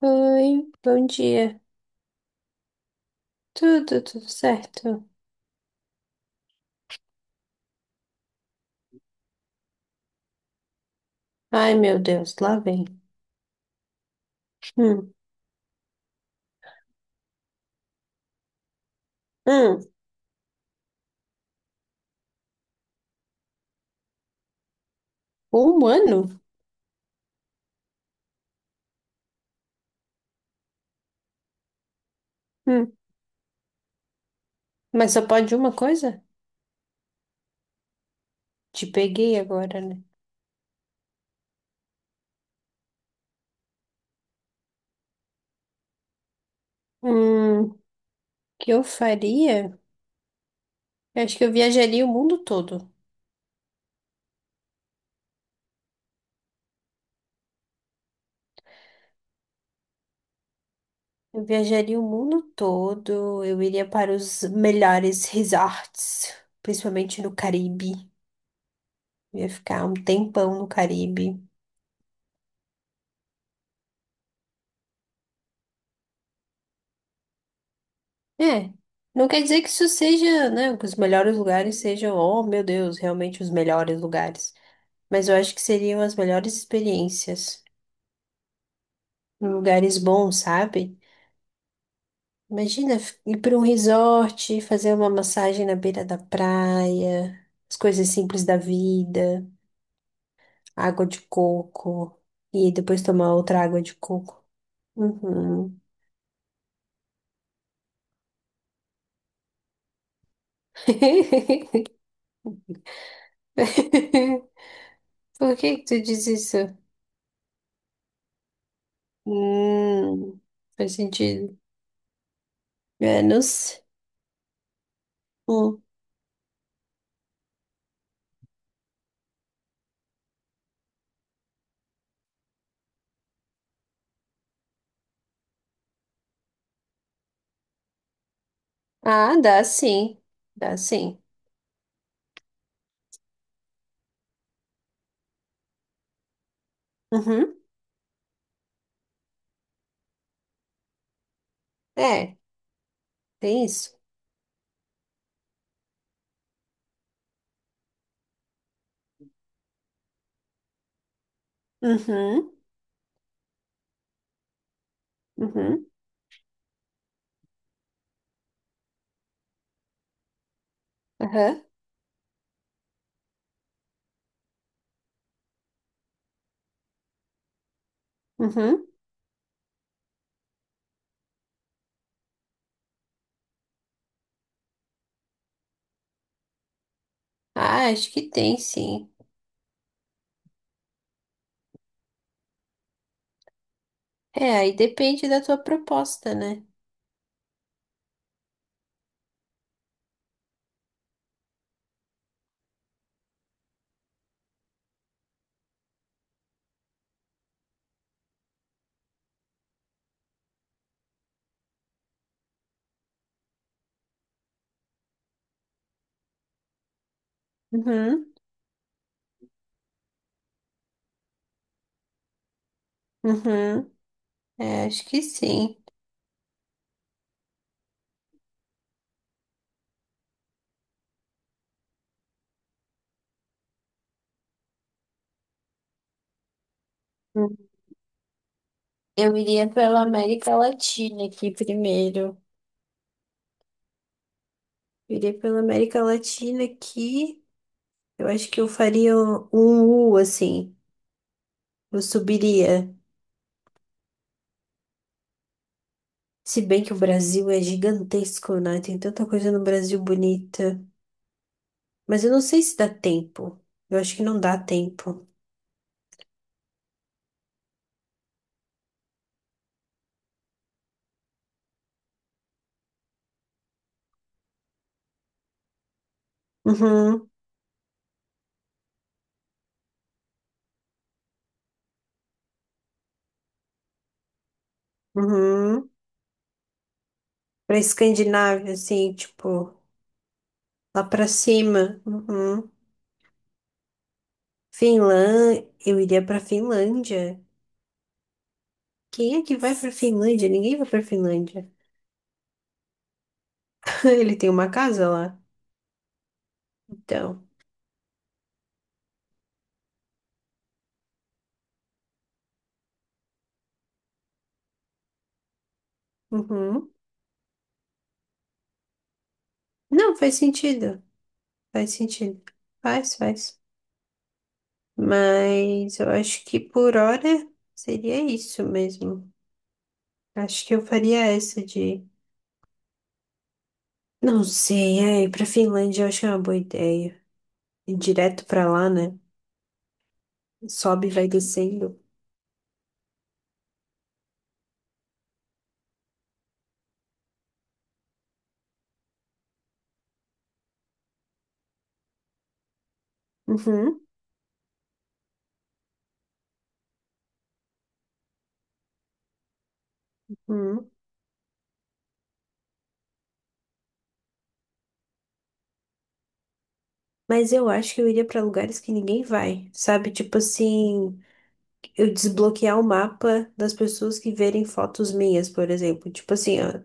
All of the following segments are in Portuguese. Oi, bom dia. Tudo, certo? Ai, meu Deus, lá vem. Hum, hum, humano? Hum, mas só pode uma coisa? Te peguei agora, né? O que eu faria? Eu acho que eu viajaria o mundo todo. Eu viajaria o mundo todo. Eu iria para os melhores resorts, principalmente no Caribe. Eu ia ficar um tempão no Caribe. É, não quer dizer que isso seja, né, que os melhores lugares sejam, oh meu Deus, realmente os melhores lugares. Mas eu acho que seriam as melhores experiências, em lugares bons, sabe? Imagina ir para um resort, fazer uma massagem na beira da praia, as coisas simples da vida, água de coco, e depois tomar outra água de coco. Uhum. Por que que tu diz isso? Hum, faz sentido. Menos um. Ah, dá sim. Dá sim. Uhum. É, tem isso. Uhum. Uhum. Aham. Uhum. Ah, acho que tem sim. É, aí depende da tua proposta, né? Uhum. Uhum. É, acho que sim. Hum. Eu iria pela América Latina aqui primeiro. Eu iria pela América Latina aqui. Eu acho que eu faria um U, assim. Eu subiria. Se bem que o Brasil é gigantesco, né? Tem tanta coisa no Brasil bonita. Mas eu não sei se dá tempo. Eu acho que não dá tempo. Uhum, uhum. Pra Escandinávia, assim, tipo, lá pra cima. Uhum. Finlândia. Eu iria pra Finlândia. Quem é que vai pra Finlândia? Ninguém vai pra Finlândia. Ele tem uma casa lá. Então. Uhum. Não, faz sentido. Faz sentido. Faz, faz. Mas eu acho que por hora seria isso mesmo. Acho que eu faria essa de. Não sei, é, ir pra Finlândia eu acho que é uma boa ideia. Ir direto pra lá, né? Sobe e vai descendo. Uhum, uhum. Mas eu acho que eu iria pra lugares que ninguém vai, sabe? Tipo assim, eu desbloquear o mapa das pessoas que verem fotos minhas, por exemplo. Tipo assim, ó,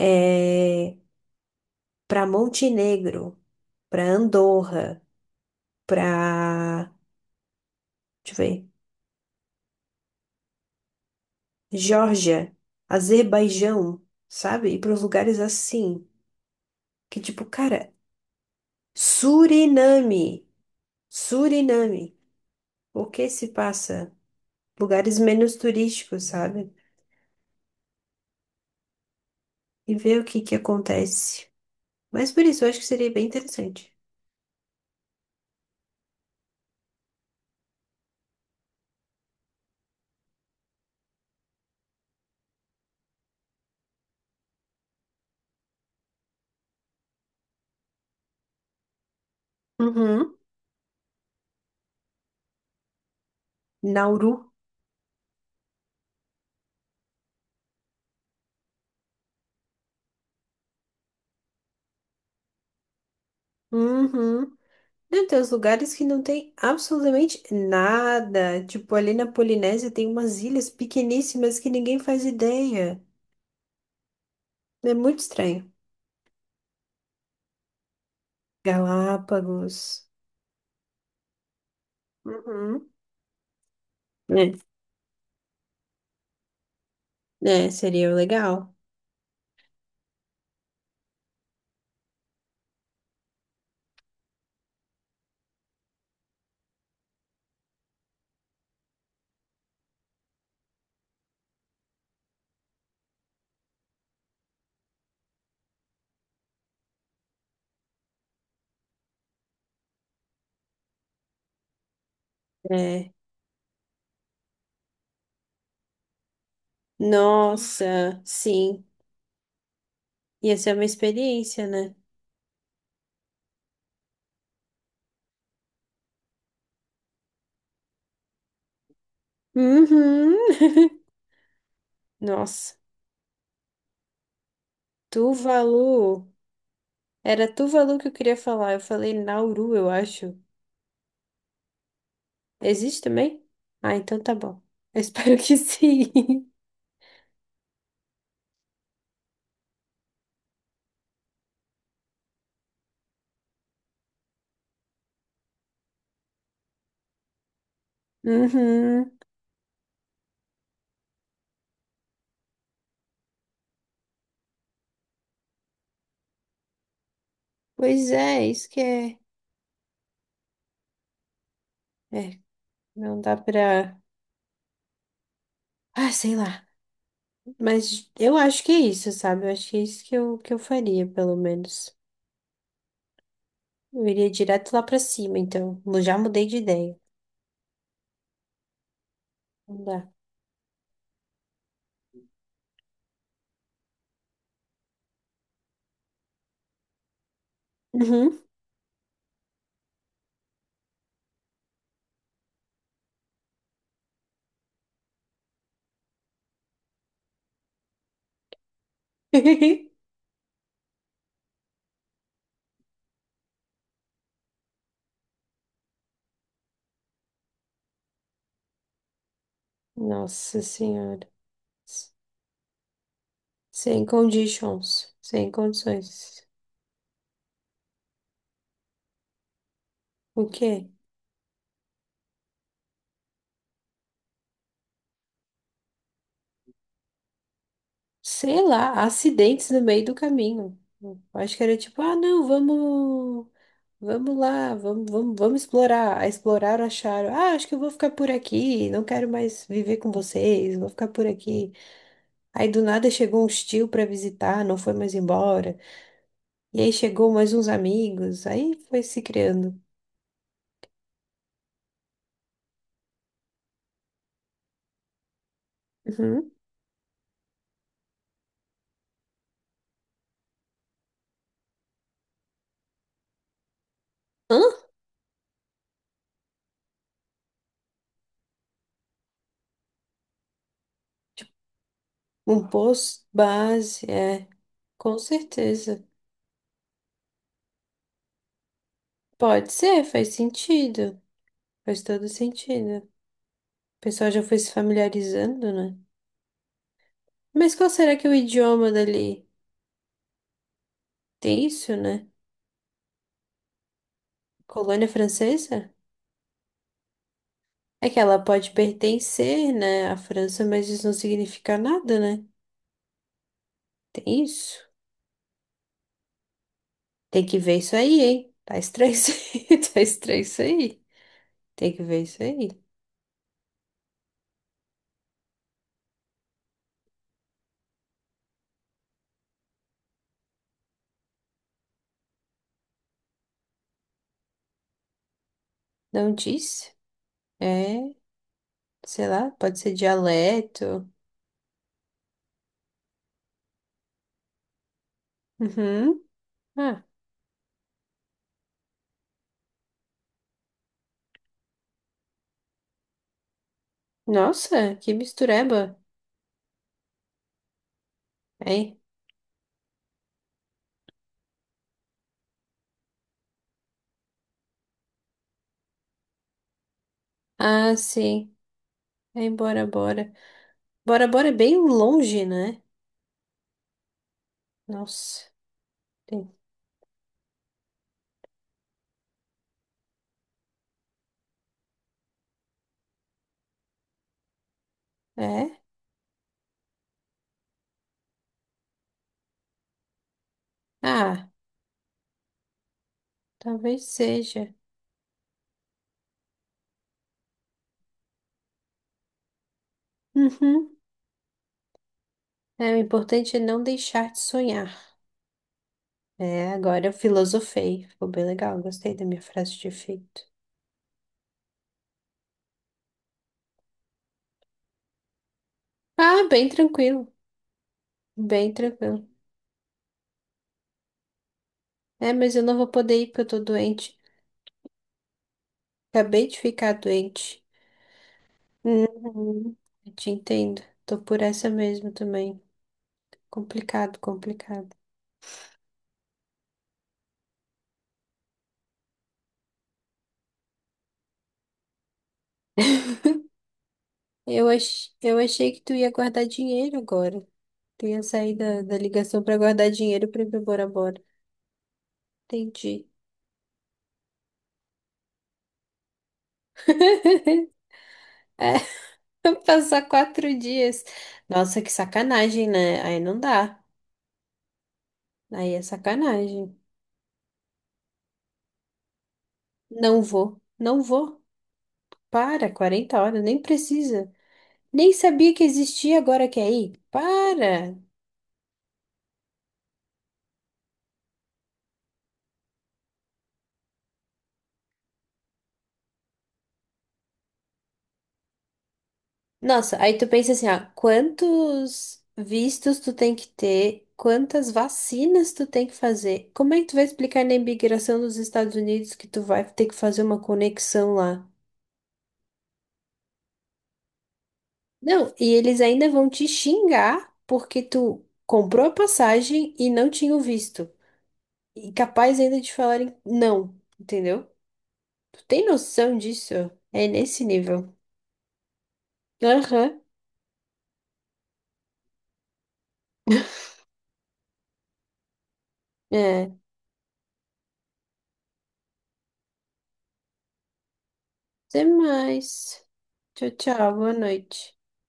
é... pra Montenegro, pra Andorra, pra. Deixa eu ver. Geórgia, Azerbaijão, sabe? E para lugares assim, que tipo, cara, Suriname, Suriname, o que se passa? Lugares menos turísticos, sabe? E ver o que que acontece. Mas por isso, eu acho que seria bem interessante. Uhum. Nauru. Uhum. Não, tem uns lugares que não tem absolutamente nada. Tipo, ali na Polinésia tem umas ilhas pequeníssimas que ninguém faz ideia. É muito estranho. Galápagos. Uhum. É, é, seria legal. É. Nossa, sim. Ia ser uma experiência, né? Uhum. Nossa, Tuvalu. Era Tuvalu que eu queria falar. Eu falei Nauru, eu acho. Existe também? Ah, então tá bom. Eu espero que sim. Uhum. Pois é, isso que é. É, não dá pra. Ah, sei lá. Mas eu acho que é isso, sabe? Eu acho que é isso que eu faria, pelo menos. Eu iria direto lá pra cima, então. Eu já mudei de ideia. Não dá. Uhum. Nossa Senhora. Sem conditions. Sem condições. O quê? Sei lá, acidentes no meio do caminho. Eu acho que era tipo, ah, não, vamos. Vamos lá, vamos, vamos, vamos explorar. Ah, exploraram, acharam. Ah, acho que eu vou ficar por aqui, não quero mais viver com vocês, vou ficar por aqui. Aí do nada chegou um tio pra visitar, não foi mais embora. E aí chegou mais uns amigos, aí foi se criando. Uhum. Hã? Tipo, um posto base, é, com certeza. Pode ser, faz sentido. Faz todo sentido. O pessoal já foi se familiarizando, né? Mas qual será que é o idioma dali? Tem isso, né? Colônia francesa? É que ela pode pertencer, né, à França, mas isso não significa nada, né? Tem isso. Tem que ver isso aí, hein? Tá estranho isso aí. Tá estranho isso aí. Tem que ver isso aí. Não disse? É, sei lá, pode ser dialeto. Uhum. Ah, nossa, que mistureba. É. Ah, sim. É, Bora, Bora. Bora, Bora é bem longe, né? Nossa. Tem- É? Ah, talvez seja. Uhum. É, o importante é não deixar de sonhar. É, agora eu filosofei. Ficou bem legal, gostei da minha frase de efeito. Ah, bem tranquilo. Bem tranquilo. É, mas eu não vou poder ir porque eu tô doente. Acabei de ficar doente. Uhum. Eu te entendo. Tô por essa mesmo também. Complicado, complicado. Eu achei que tu ia guardar dinheiro agora. Tu ia sair da ligação pra guardar dinheiro pra ir pra Bora Bora. Entendi. É, passar quatro dias. Nossa, que sacanagem, né? Aí não dá. Aí é sacanagem. Não vou, não vou. Para, 40 horas, nem precisa. Nem sabia que existia, agora quer ir. Para! Nossa, aí tu pensa assim, ah, quantos vistos tu tem que ter, quantas vacinas tu tem que fazer. Como é que tu vai explicar na imigração dos Estados Unidos que tu vai ter que fazer uma conexão lá? Não, e eles ainda vão te xingar porque tu comprou a passagem e não tinha o visto. E capaz ainda de falarem não, entendeu? Tu tem noção disso? É nesse nível. Aham. É. Até mais. Tchau, tchau. Boa noite.